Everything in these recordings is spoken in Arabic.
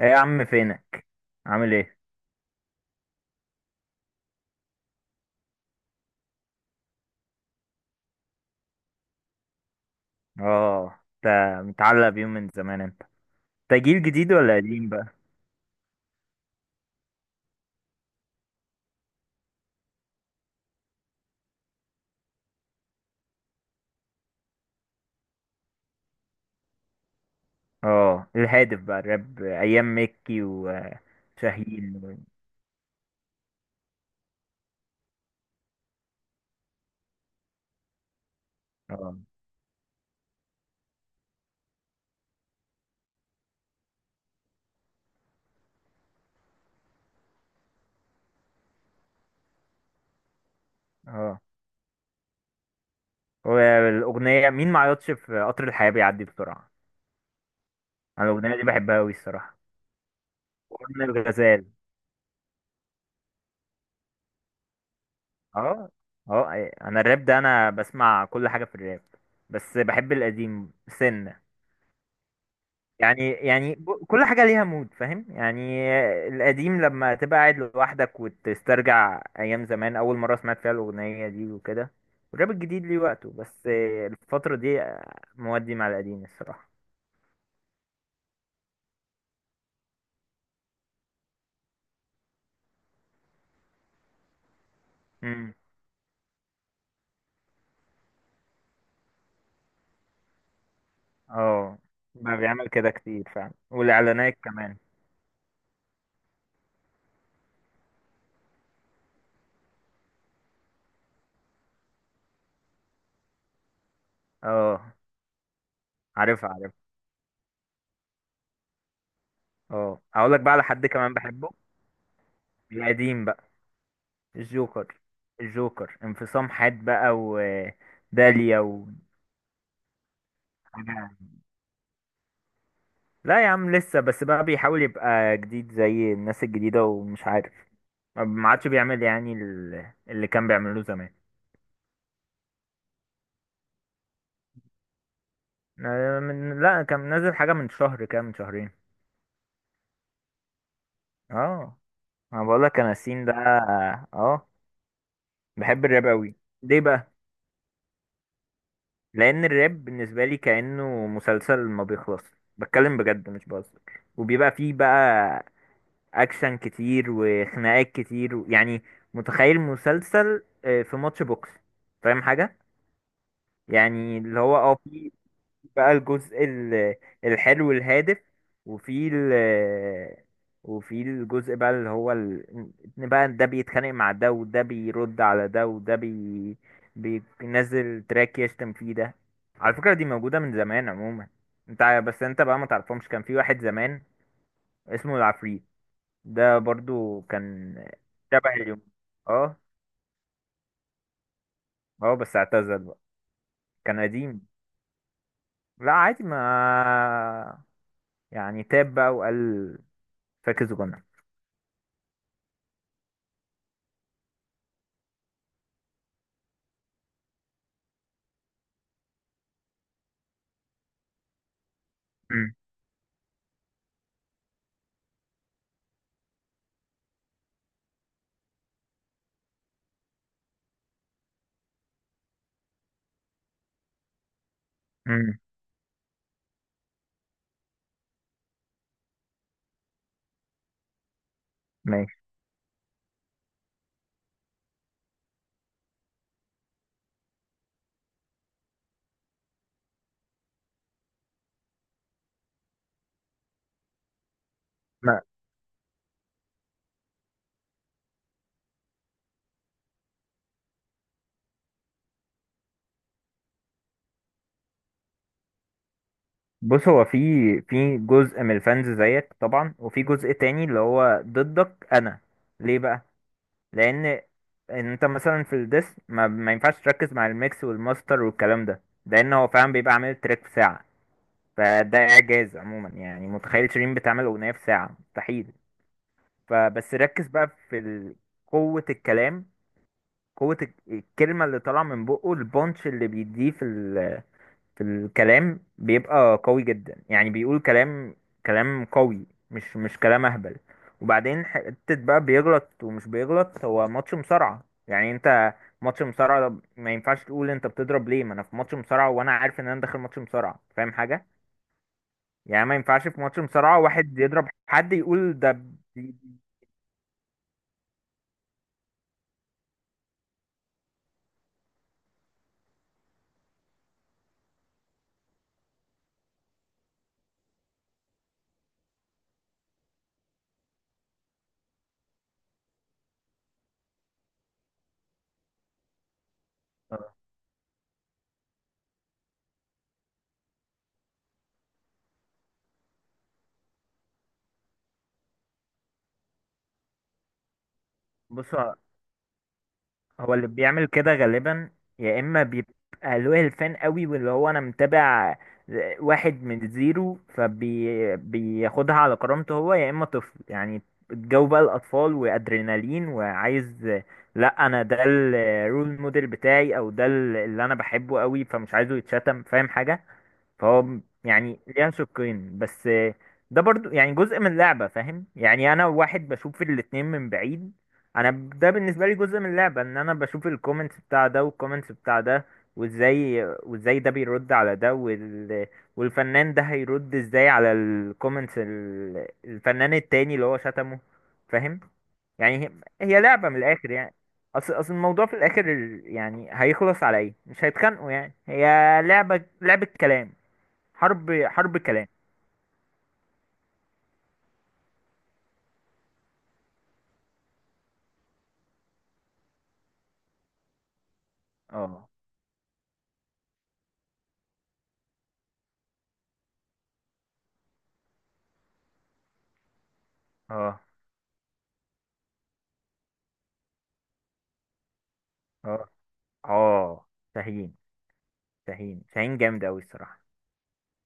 ايه يا عم، فينك؟ عامل ايه؟ اه، انت متعلق بيهم من زمان. انت انت جيل جديد ولا قديم بقى؟ اه، الهادف بقى، الراب ايام مكي وشاهين اه، اه. والاغنيه «مين ما عيطش في قطر الحياه بيعدي بسرعه»، انا الاغنيه دي بحبها قوي الصراحه، واغنيه الغزال. اه، اه، انا الراب، ده انا بسمع كل حاجه في الراب، بس بحب القديم سنة. يعني كل حاجة ليها مود، فاهم يعني؟ القديم لما تبقى قاعد لوحدك وتسترجع أيام زمان أول مرة سمعت فيها الأغنية دي وكده، والراب الجديد ليه وقته، بس الفترة دي مودي مع القديم الصراحة. امم، اه، بقى بيعمل كده كتير فعلا، والإعلانات كمان. اه، عارفها عارفها. اه، هقول لك بقى على حد كمان بحبه، القديم بقى، الجوكر. الجوكر انفصام حاد بقى، وداليا، وحاجة. لا يا عم، لسه، بس بقى بيحاول يبقى جديد زي الناس الجديدة ومش عارف. ما عادش بيعمل يعني اللي كان بيعمله زمان. من لا، كان نازل حاجة من شهر كده، من شهرين. اه، انا بقول لك، انا سين ده. اه، بحب الراب قوي. ليه بقى؟ لان الراب بالنسبة لي كأنه مسلسل ما بيخلص. بتكلم بجد مش بهزر. وبيبقى فيه بقى اكشن كتير وخناقات كتير يعني، متخيل مسلسل، في ماتش بوكس، فاهم حاجة؟ يعني اللي هو في، في بقى الجزء الحلو الهادف. وفي وفي الجزء بقى اللي هو إن بقى ده بيتخانق مع ده، وده بيرد على ده، وده بينزل تراك يشتم فيه ده. على فكرة دي موجودة من زمان عموما. بس انت بقى ما تعرفهمش، كان في واحد زمان اسمه العفريت. ده برضو كان شبه اليوم. اه، اه، بس اعتزل بقى. كان قديم. لا عادي، ما يعني تاب بقى وقال فاكس جنة. مم. مم. ماشي، ما. بص، هو في جزء من الفانز زيك طبعا، وفي جزء تاني اللي هو ضدك انا. ليه بقى؟ لان انت مثلا في الديس، ما ينفعش تركز مع الميكس والماستر والكلام ده. لان هو فعلا بيبقى عامل تراك في ساعة، فده اعجاز عموما. يعني متخيل شيرين بتعمل اغنية في ساعة؟ مستحيل. فبس ركز بقى في قوة الكلام، قوة الكلمة اللي طالعة من بقه، البونش اللي بيديه في في الكلام، بيبقى قوي جدا. يعني بيقول كلام، كلام قوي، مش كلام اهبل. وبعدين حتة بقى بيغلط ومش بيغلط، هو ماتش مصارعة يعني. انت ماتش مصارعة ده، ما ينفعش تقول انت بتضرب ليه، ما انا في ماتش مصارعة، وانا عارف ان انا داخل ماتش مصارعة، فاهم حاجة؟ يعني ما ينفعش في ماتش مصارعة واحد يضرب حد يقول ده بي- بص، هو اللي بيعمل كده غالبا، يا اما بيبقى له الفان قوي، واللي هو انا متابع واحد من زيرو، فبياخدها على كرامته هو، يا اما طفل يعني. الجو بقى الاطفال وادرينالين وعايز، لا، انا ده الرول موديل بتاعي، او ده اللي انا بحبه قوي، فمش عايزه يتشتم، فاهم حاجة؟ فهو يعني ليه شقين بس. ده برضو يعني جزء من اللعبة، فاهم يعني؟ أنا واحد بشوف الاتنين من بعيد. ده بالنسبة لي جزء من اللعبة، إن أنا بشوف الكومنتس بتاع ده، والكومنتس بتاع ده، وإزاي ده بيرد على ده، والفنان ده هيرد إزاي على الكومنتس الفنان التاني اللي هو شتمه، فاهم يعني؟ هي لعبة من الآخر يعني. اصل الموضوع في الاخر يعني هيخلص على ايه؟ مش هيتخانقوا، يعني هي لعبة كلام، حرب كلام. اه، اه، اه، اه، شاهين، شاهين، شاهين جامد أوي الصراحة.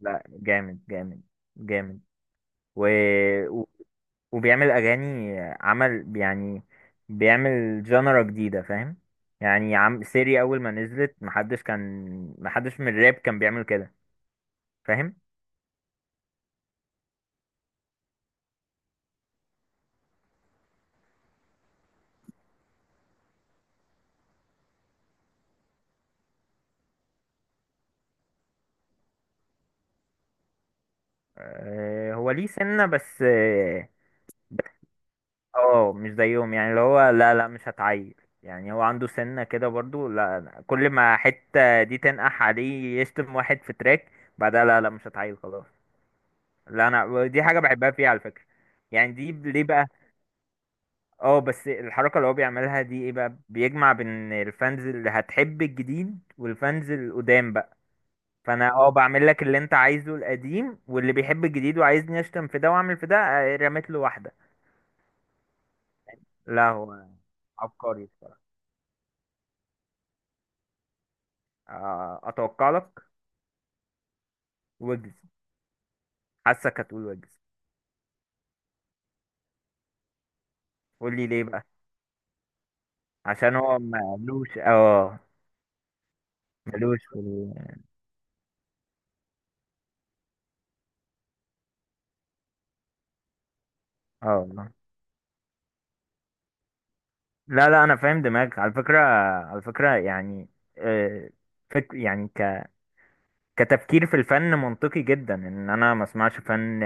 لا، جامد، جامد، جامد، و... و... وبيعمل أغاني، عمل يعني، بيعمل جانرا جديدة، فاهم يعني؟ عم سيري أول ما نزلت، محدش من الراب كان بيعمل كده، فاهم؟ آه، هو ليه سنة بس. اه، مش زيهم يعني، اللي هو لا، لا، مش هتعيل. يعني هو عنده سنة كده برضو. لا، أنا كل ما حتة دي تنقح عليه يشتم واحد في تراك بعدها، لا، لا، مش هتعيل خلاص. لا، انا دي حاجة بحبها فيه على فكرة. يعني دي ليه بقى؟ اه، بس الحركة اللي هو بيعملها دي ايه بقى؟ بيجمع بين الفانز اللي هتحب الجديد، والفانز القدام بقى. فانا بعمل لك اللي انت عايزه، القديم واللي بيحب الجديد وعايزني اشتم في ده واعمل في ده، رميت له واحدة. لا، هو عبقري بصراحة. اتوقع لك ويجز. حاسك هتقول ويجز. قول لي ليه بقى. عشان هو مالوش، مالوش في اه والله. لا، لا، انا فاهم دماغك على فكره. على فكره يعني، آه، فك يعني ك كتفكير في الفن، منطقي جدا ان انا ما اسمعش فن.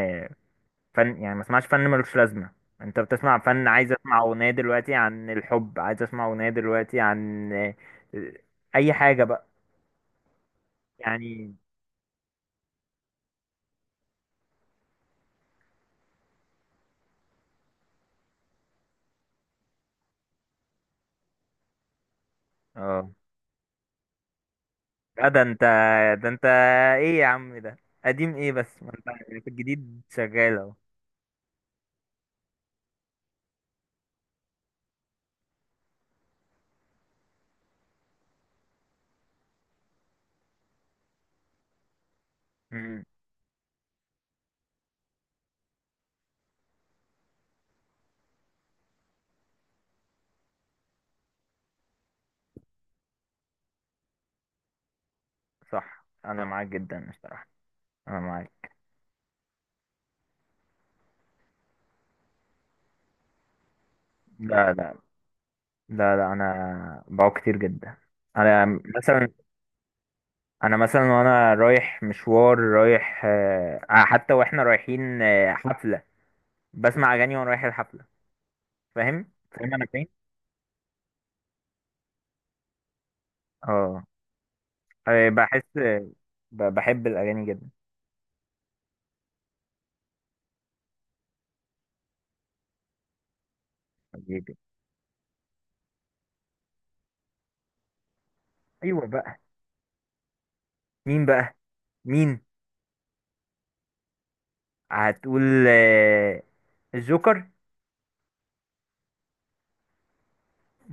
فن يعني ما اسمعش فن، ملوش لازمه. انت بتسمع فن، عايز اسمع اغنيه دلوقتي عن الحب، عايز اسمع اغنيه دلوقتي عن اي حاجه بقى يعني. اه، لا، ده انت، ده انت ايه يا عم ده، قديم ايه بس؟ ما انت في الجديد شغال اهو. امم. صح، انا معاك جدا الصراحه. انا معاك. لا، لا. لا، لا، انا بقعد كتير جدا. انا مثلا، انا مثلا وانا رايح مشوار رايح آه، حتى واحنا رايحين حفله، بسمع اغاني وانا رايح الحفله، فاهم؟ فاهم انا فين؟ اه. بحس، بحب الاغاني جدا. حبيبي. ايوه بقى، مين بقى؟ مين؟ هتقول آه، الجوكر؟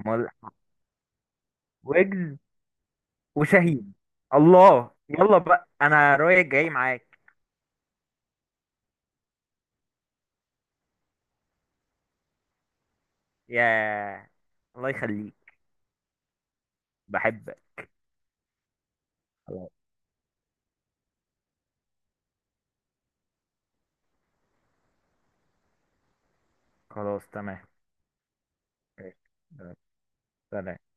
مال- ويجز وشاهين! الله، يلا بقى انا رايح جاي معاك. يا الله يخليك، بحبك. خلاص. خلاص تمام. ماشي. سلام.